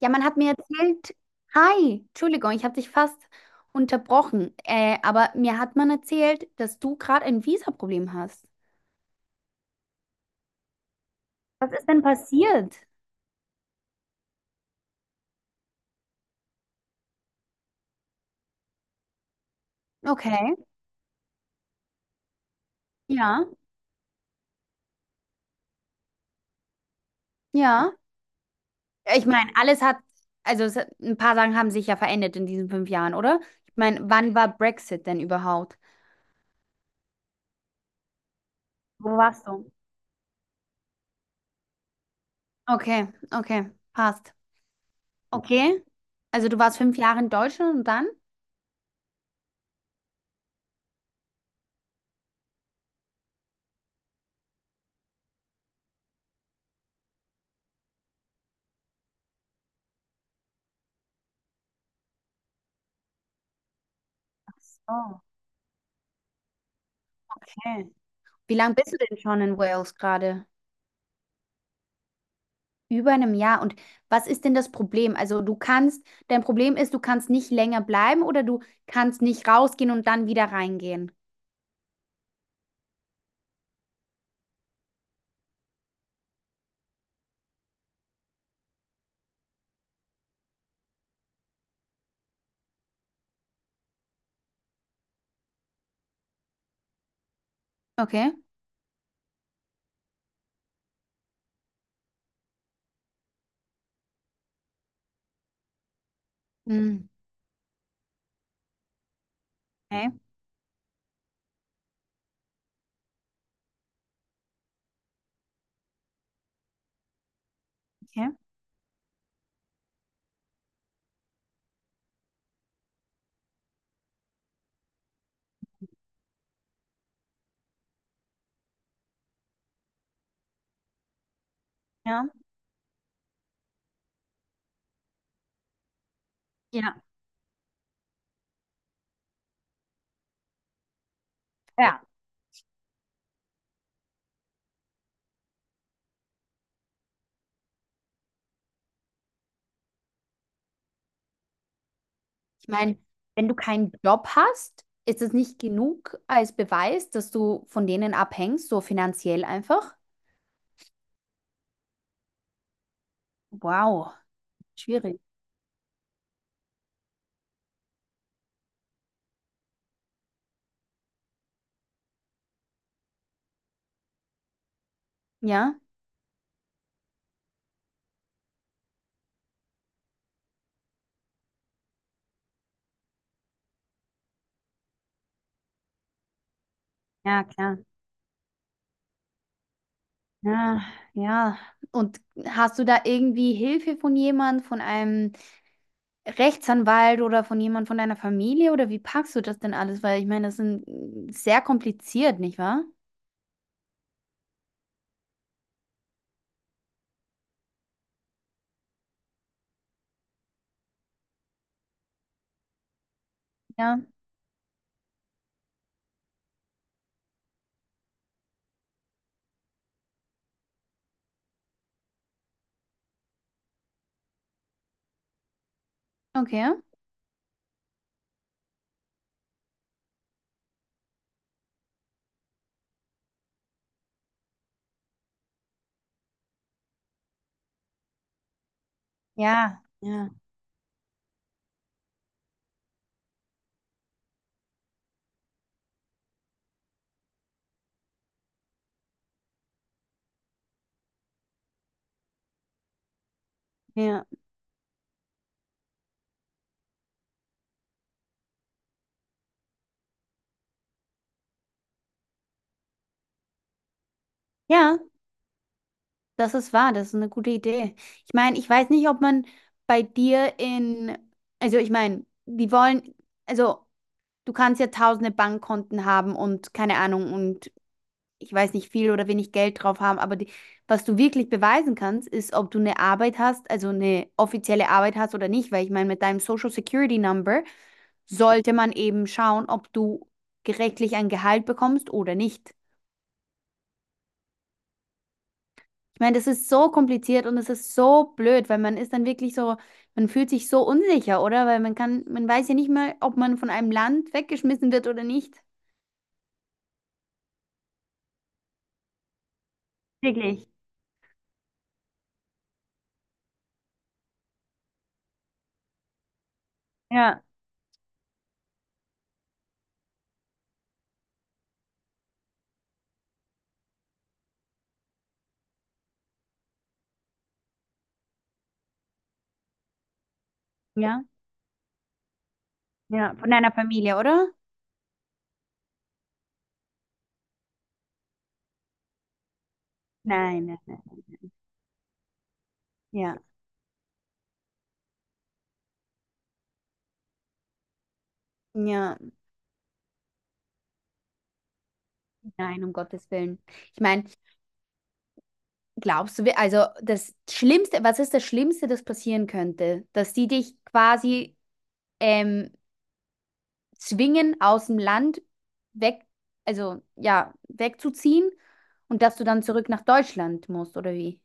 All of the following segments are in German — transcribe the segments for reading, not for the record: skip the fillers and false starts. Ja, man hat mir erzählt, hi, Entschuldigung, ich habe dich fast unterbrochen, aber mir hat man erzählt, dass du gerade ein Visa-Problem hast. Was ist denn passiert? Okay, ja, ja. Ich meine, alles hat, also es, ein paar Sachen haben sich ja verändert in diesen 5 Jahren, oder? Ich meine, wann war Brexit denn überhaupt? Wo warst du? Okay, okay, passt. Okay, also du warst 5 Jahre in Deutschland und dann? Ach so, okay. Wie lange bist du denn schon in Wales gerade? Über einem Jahr. Und was ist denn das Problem? Also du kannst, dein Problem ist, du kannst nicht länger bleiben oder du kannst nicht rausgehen und dann wieder reingehen. Okay. Hm. Okay, okay. Ja. Ja. Ja. Ich meine, wenn du keinen Job hast, ist es nicht genug als Beweis, dass du von denen abhängst, so finanziell einfach. Wow. Schwierig. Ja. Ja, klar. Ja, ja. Und hast du da irgendwie Hilfe von jemand, von einem Rechtsanwalt oder von jemand von deiner Familie oder wie packst du das denn alles? Weil ich meine, das sind sehr kompliziert, nicht wahr? Ja, okay. Ja, Ja, ja, ja, das ist wahr, das ist eine gute Idee. Ich meine, ich weiß nicht, ob man bei dir in, also ich meine, die wollen, also du kannst ja tausende Bankkonten haben und keine Ahnung und ich weiß nicht, viel oder wenig Geld drauf haben, aber die, was du wirklich beweisen kannst, ist, ob du eine Arbeit hast, also eine offizielle Arbeit hast oder nicht, weil ich meine, mit deinem Social Security Number sollte man eben schauen, ob du gerechtlich ein Gehalt bekommst oder nicht. Ich meine, das ist so kompliziert und es ist so blöd, weil man ist dann wirklich so, man fühlt sich so unsicher, oder? Weil man kann, man weiß ja nicht mal, ob man von einem Land weggeschmissen wird oder nicht. Wirklich. Ja, ja, ja. Von deiner Familie, oder? Nein, nein, nein. Ja, ja. Nein, um Gottes Willen. Ich meine, glaubst du, wir- also das Schlimmste, was ist das Schlimmste, das passieren könnte? Dass die dich quasi ähm, zwingen, aus dem Land weg, also ja, wegzuziehen und dass du dann zurück nach Deutschland musst, oder wie?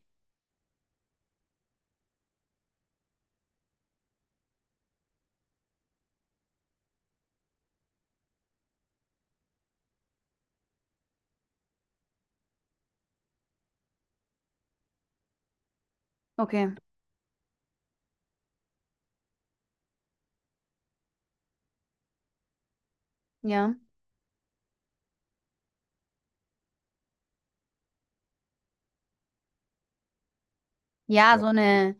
Okay, ja. Ja, ja, so eine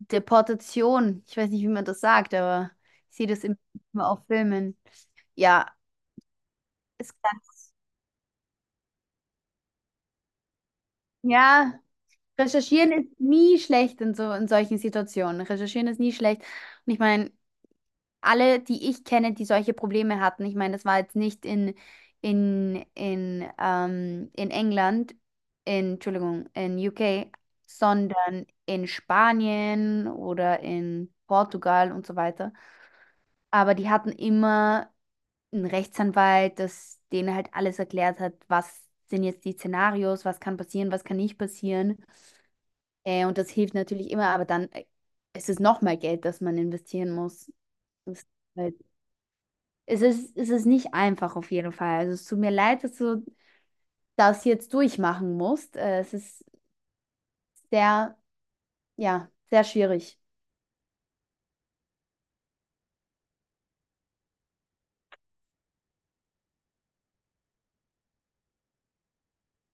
Deportation. Ich weiß nicht, wie man das sagt, aber ich sehe das immer auf Filmen. Ja, es kann, ja. Recherchieren ist nie schlecht in so in solchen Situationen. Recherchieren ist nie schlecht. Und ich meine, alle, die ich kenne, die solche Probleme hatten, ich meine, das war jetzt nicht in in England, in, Entschuldigung, in UK, sondern in Spanien oder in Portugal und so weiter. Aber die hatten immer einen Rechtsanwalt, das denen halt alles erklärt hat, was sind jetzt die Szenarios, was kann passieren, was kann nicht passieren. Und das hilft natürlich immer, aber dann ist es nochmal Geld, das man investieren muss. Das ist halt, es ist nicht einfach auf jeden Fall. Also es tut mir leid, dass du das jetzt durchmachen musst. Es ist sehr, ja, sehr schwierig.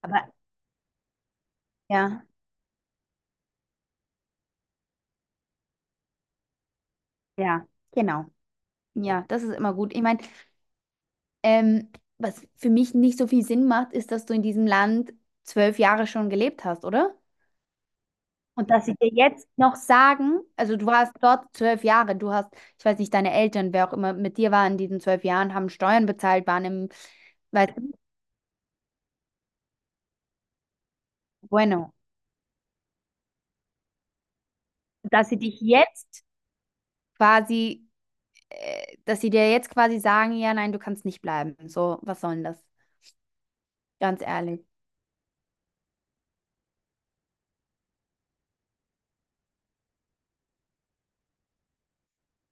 Aber ja, ja, genau. Ja, das ist immer gut. Ich meine, ähm, was für mich nicht so viel Sinn macht, ist, dass du in diesem Land 12 Jahre schon gelebt hast, oder? Und dass sie dir jetzt noch sagen, also du warst dort 12 Jahre, du hast, ich weiß nicht, deine Eltern, wer auch immer mit dir war in diesen 12 Jahren, haben Steuern bezahlt, waren im, weißt du, bueno. Dass sie dich jetzt quasi, dass sie dir jetzt quasi sagen, ja, nein, du kannst nicht bleiben. So, was soll denn das? Ganz ehrlich.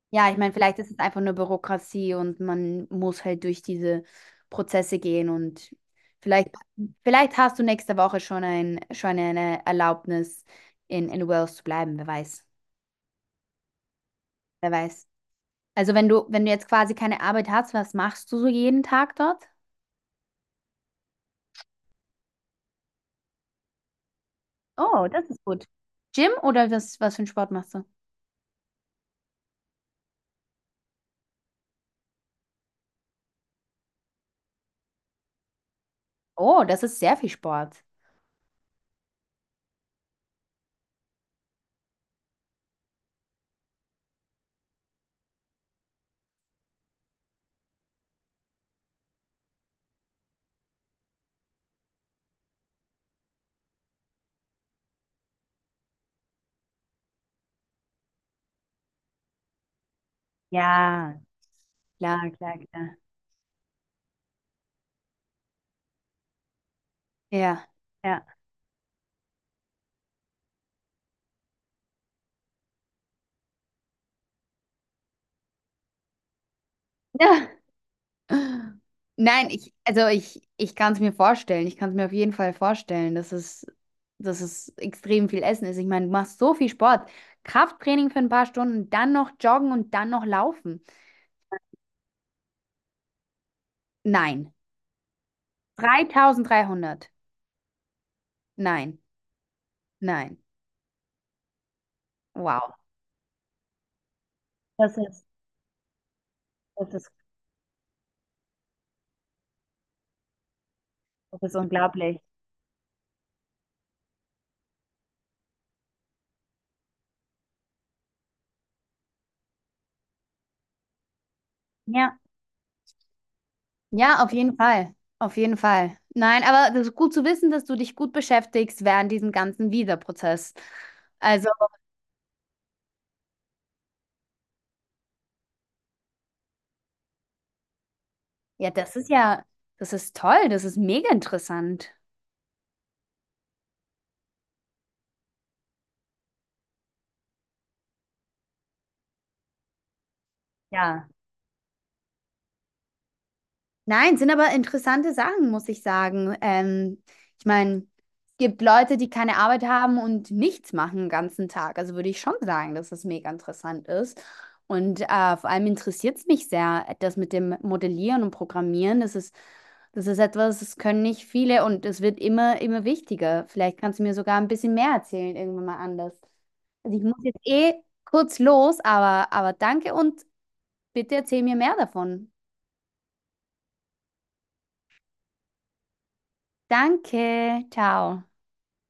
Ja, ich meine, vielleicht ist es einfach nur Bürokratie und man muss halt durch diese Prozesse gehen und vielleicht, vielleicht hast du nächste Woche schon ein, schon eine Erlaubnis, in Wales zu bleiben, wer weiß. Wer weiß. Also wenn du, wenn du jetzt quasi keine Arbeit hast, was machst du so jeden Tag dort? Oh, das ist gut. Gym oder was, was für einen Sport machst du? Oh, das ist sehr viel Sport. Ja, klar, klar, klar. Ja, ja. Nein, ich, also ich kann es mir vorstellen. Ich kann es mir auf jeden Fall vorstellen, dass es extrem viel Essen ist. Ich meine, du machst so viel Sport. Krafttraining für ein paar Stunden, dann noch joggen und dann noch laufen. Nein. 3300. Nein, nein. Wow. Das ist, das ist, das ist unglaublich. Ja. Ja, auf jeden Fall. Auf jeden Fall. Nein, aber das ist gut zu wissen, dass du dich gut beschäftigst während diesem ganzen Visa-Prozess. Also, ja, das ist ja, das ist toll, das ist mega interessant. Ja. Nein, sind aber interessante Sachen, muss ich sagen. Ich meine, es gibt Leute, die keine Arbeit haben und nichts machen den ganzen Tag. Also würde ich schon sagen, dass das mega interessant ist. Und vor allem interessiert es mich sehr, das mit dem Modellieren und Programmieren. Das ist etwas, das können nicht viele und es wird immer, immer wichtiger. Vielleicht kannst du mir sogar ein bisschen mehr erzählen, irgendwann mal anders. Also ich muss jetzt eh kurz los, aber danke und bitte erzähl mir mehr davon. Danke, ciao.